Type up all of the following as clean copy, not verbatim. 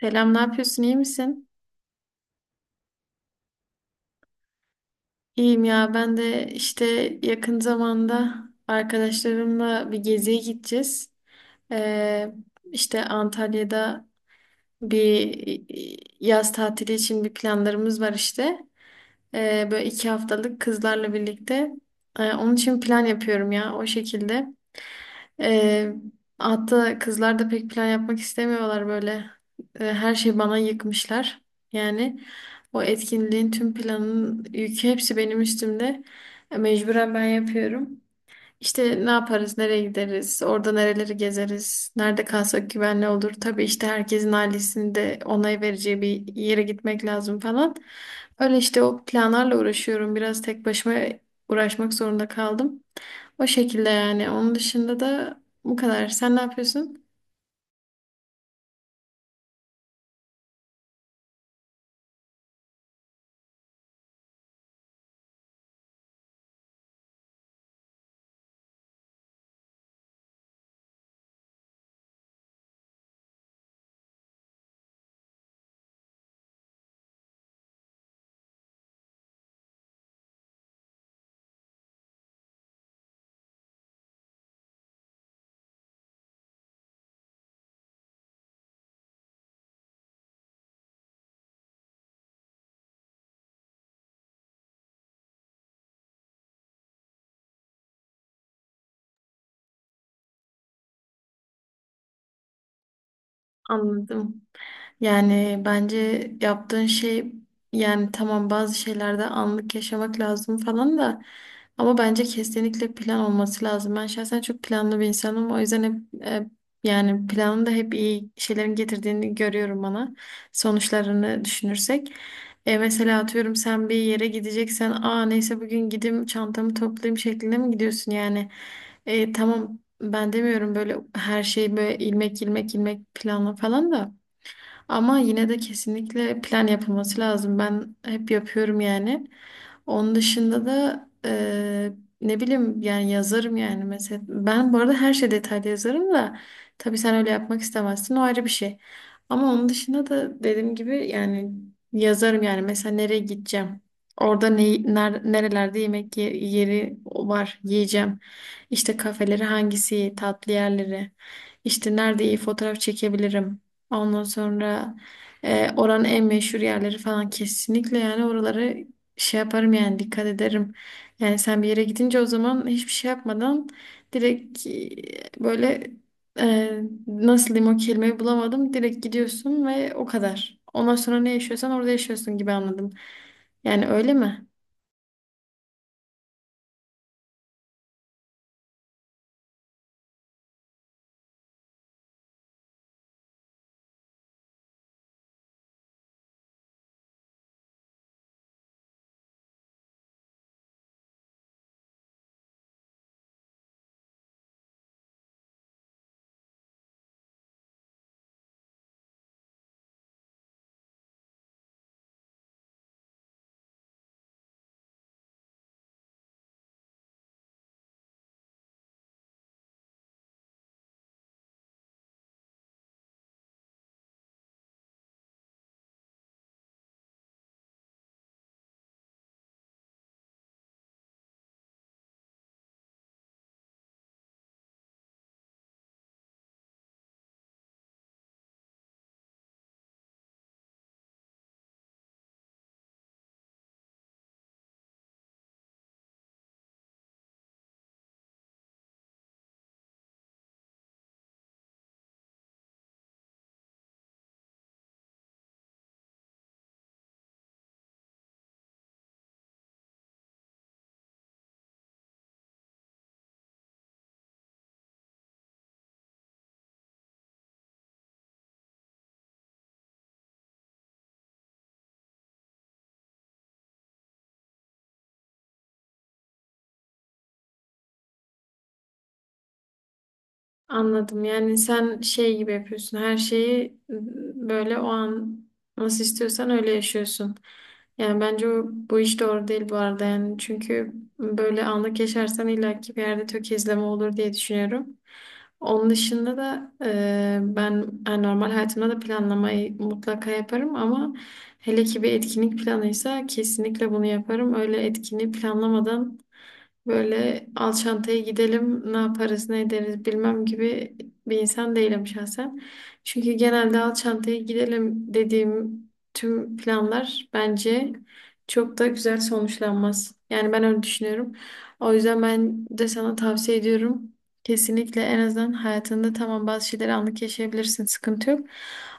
Selam, ne yapıyorsun? İyi misin? İyiyim ya. Ben de işte yakın zamanda arkadaşlarımla bir geziye gideceğiz. Ee, işte Antalya'da bir yaz tatili için bir planlarımız var işte. Böyle iki haftalık kızlarla birlikte. Onun için plan yapıyorum ya o şekilde. Ee, Hatta kızlar da pek plan yapmak istemiyorlar böyle. Her şeyi bana yıkmışlar. Yani o etkinliğin tüm planının yükü hepsi benim üstümde. Mecburen ben yapıyorum. İşte ne yaparız, nereye gideriz, orada nereleri gezeriz, nerede kalsak güvenli olur. Tabii işte herkesin ailesinin de onay vereceği bir yere gitmek lazım falan. Öyle işte o planlarla uğraşıyorum. Biraz tek başıma uğraşmak zorunda kaldım. O şekilde yani. Onun dışında da bu kadar. Sen ne yapıyorsun? Anladım. Yani bence yaptığın şey yani tamam bazı şeylerde anlık yaşamak lazım falan da ama bence kesinlikle plan olması lazım. Ben şahsen çok planlı bir insanım. O yüzden hep yani planın da hep iyi şeylerin getirdiğini görüyorum bana. Sonuçlarını düşünürsek. Mesela atıyorum sen bir yere gideceksen aa neyse bugün gideyim çantamı toplayayım şeklinde mi gidiyorsun yani? Tamam ben demiyorum böyle her şeyi böyle ilmek planla falan da. Ama yine de kesinlikle plan yapılması lazım. Ben hep yapıyorum yani. Onun dışında da ne bileyim yani yazarım yani mesela. Ben bu arada her şey detaylı yazarım da tabii sen öyle yapmak istemezsin o ayrı bir şey. Ama onun dışında da dediğim gibi yani yazarım yani mesela nereye gideceğim. Orada ne, nerelerde yeri var yiyeceğim. İşte kafeleri hangisi, tatlı yerleri. İşte nerede iyi fotoğraf çekebilirim. Ondan sonra oranın en meşhur yerleri falan kesinlikle yani oraları şey yaparım yani dikkat ederim. Yani sen bir yere gidince o zaman hiçbir şey yapmadan direkt böyle e, nasıl diyeyim o kelimeyi bulamadım. Direkt gidiyorsun ve o kadar. Ondan sonra ne yaşıyorsan orada yaşıyorsun gibi anladım. Yani öyle mi? Anladım. Yani sen şey gibi yapıyorsun. Her şeyi böyle o an nasıl istiyorsan öyle yaşıyorsun. Yani bence bu iş doğru değil bu arada. Yani çünkü böyle anlık yaşarsan illaki bir yerde tökezleme olur diye düşünüyorum. Onun dışında da ben yani normal hayatımda da planlamayı mutlaka yaparım ama hele ki bir etkinlik planıysa kesinlikle bunu yaparım. Öyle etkinliği planlamadan böyle Alçantay'a gidelim, ne yaparız, ne ederiz bilmem gibi bir insan değilim şahsen. Çünkü genelde Alçantay'a gidelim dediğim tüm planlar bence çok da güzel sonuçlanmaz. Yani ben öyle düşünüyorum. O yüzden ben de sana tavsiye ediyorum. Kesinlikle en azından hayatında tamam bazı şeyleri anlık yaşayabilirsin, sıkıntı yok.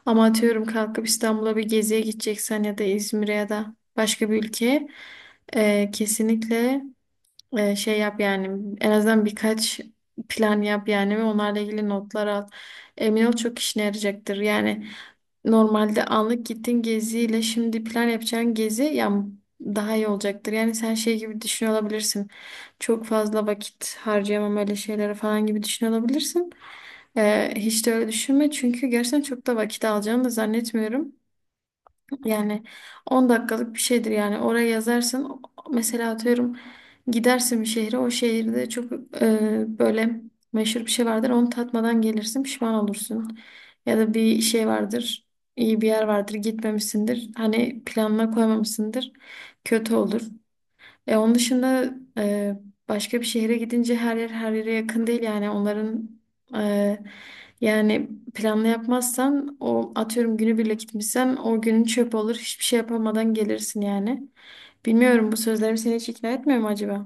Ama atıyorum kalkıp İstanbul'a bir geziye gideceksen ya da İzmir'e ya da başka bir ülkeye kesinlikle şey yap yani en azından birkaç plan yap yani ve onlarla ilgili notlar al. Emin ol çok işine yarayacaktır. Yani normalde anlık gittin geziyle şimdi plan yapacağın gezi ya daha iyi olacaktır. Yani sen şey gibi düşünüyor olabilirsin. Çok fazla vakit harcayamam öyle şeylere falan gibi düşünüyor olabilirsin. Hiç de öyle düşünme çünkü gerçekten çok da vakit alacağını da zannetmiyorum. Yani 10 dakikalık bir şeydir yani oraya yazarsın mesela atıyorum gidersin bir şehre o şehirde çok böyle meşhur bir şey vardır onu tatmadan gelirsin pişman olursun ya da bir şey vardır iyi bir yer vardır gitmemişsindir hani planına koymamışsındır kötü olur onun dışında başka bir şehre gidince her yer her yere yakın değil yani onların e, yani planlı yapmazsan o atıyorum günübirlik gitmişsen o günün çöp olur hiçbir şey yapamadan gelirsin yani. Bilmiyorum bu sözlerim seni hiç ikna etmiyor mu acaba?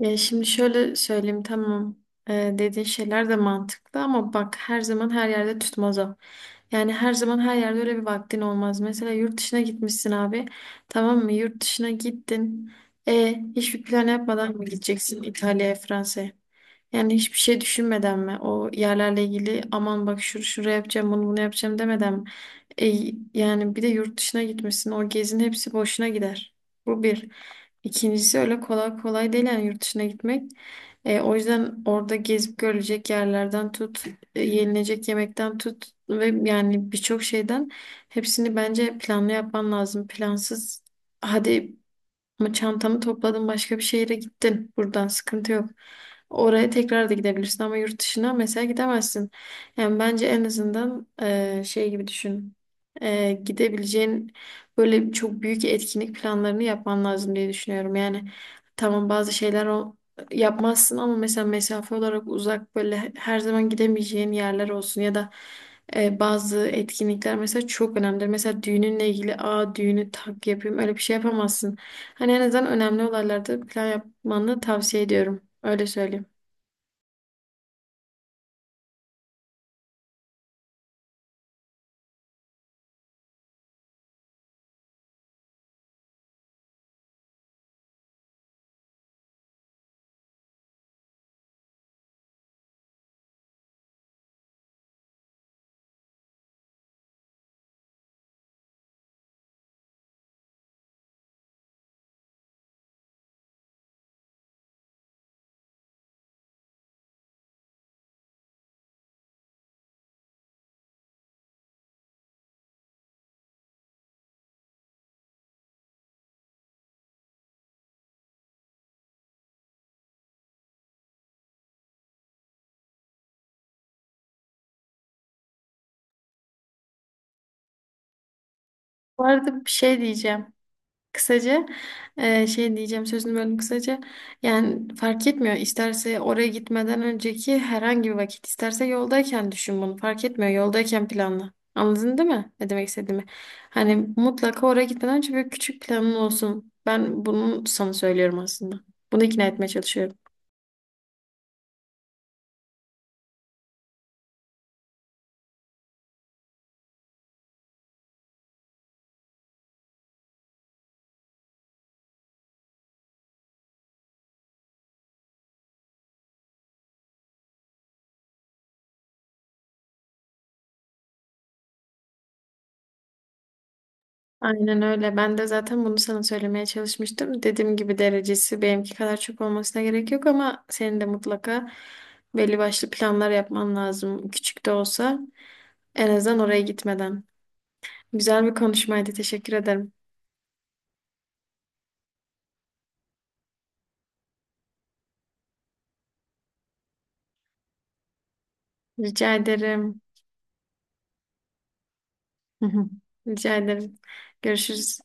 Ya şimdi şöyle söyleyeyim tamam dediğin şeyler de mantıklı ama bak her zaman her yerde tutmaz o. Yani her zaman her yerde öyle bir vaktin olmaz. Mesela yurt dışına gitmişsin abi tamam mı yurt dışına gittin. Hiçbir plan yapmadan mı gideceksin İtalya'ya Fransa'ya? Yani hiçbir şey düşünmeden mi? O yerlerle ilgili aman bak şuraya yapacağım bunu bunu yapacağım demeden mi? E, Yani bir de yurt dışına gitmişsin. O gezinin hepsi boşuna gider. Bu bir. İkincisi öyle kolay kolay değil yani yurt dışına gitmek. O yüzden orada gezip görülecek yerlerden tut, yenilecek yemekten tut ve yani birçok şeyden hepsini bence planlı yapman lazım. Plansız hadi ama çantamı topladın başka bir şehire gittin. Buradan sıkıntı yok. Oraya tekrar da gidebilirsin ama yurt dışına mesela gidemezsin. Yani bence en azından şey gibi düşün. Gidebileceğin böyle çok büyük etkinlik planlarını yapman lazım diye düşünüyorum. Yani tamam bazı şeyler o yapmazsın ama mesela mesafe olarak uzak böyle her zaman gidemeyeceğin yerler olsun ya da bazı etkinlikler mesela çok önemlidir. Mesela düğününle ilgili aa düğünü tak yapayım öyle bir şey yapamazsın. Hani en azından önemli olaylarda plan yapmanı tavsiye ediyorum. Öyle söyleyeyim. Bu arada bir şey diyeceğim. Kısaca şey diyeceğim sözünü böldüm kısaca. Yani fark etmiyor. İsterse oraya gitmeden önceki herhangi bir vakit, isterse yoldayken düşün bunu. Fark etmiyor. Yoldayken planla. Anladın değil mi? Ne demek istediğimi? Hani mutlaka oraya gitmeden önce bir küçük planın olsun. Ben bunu sana söylüyorum aslında. Bunu ikna etmeye çalışıyorum. Aynen öyle. Ben de zaten bunu sana söylemeye çalışmıştım. Dediğim gibi derecesi benimki kadar çok olmasına gerek yok ama senin de mutlaka belli başlı planlar yapman lazım. Küçük de olsa en azından oraya gitmeden. Güzel bir konuşmaydı. Teşekkür ederim. Rica ederim. Rica ederim. Görüşürüz.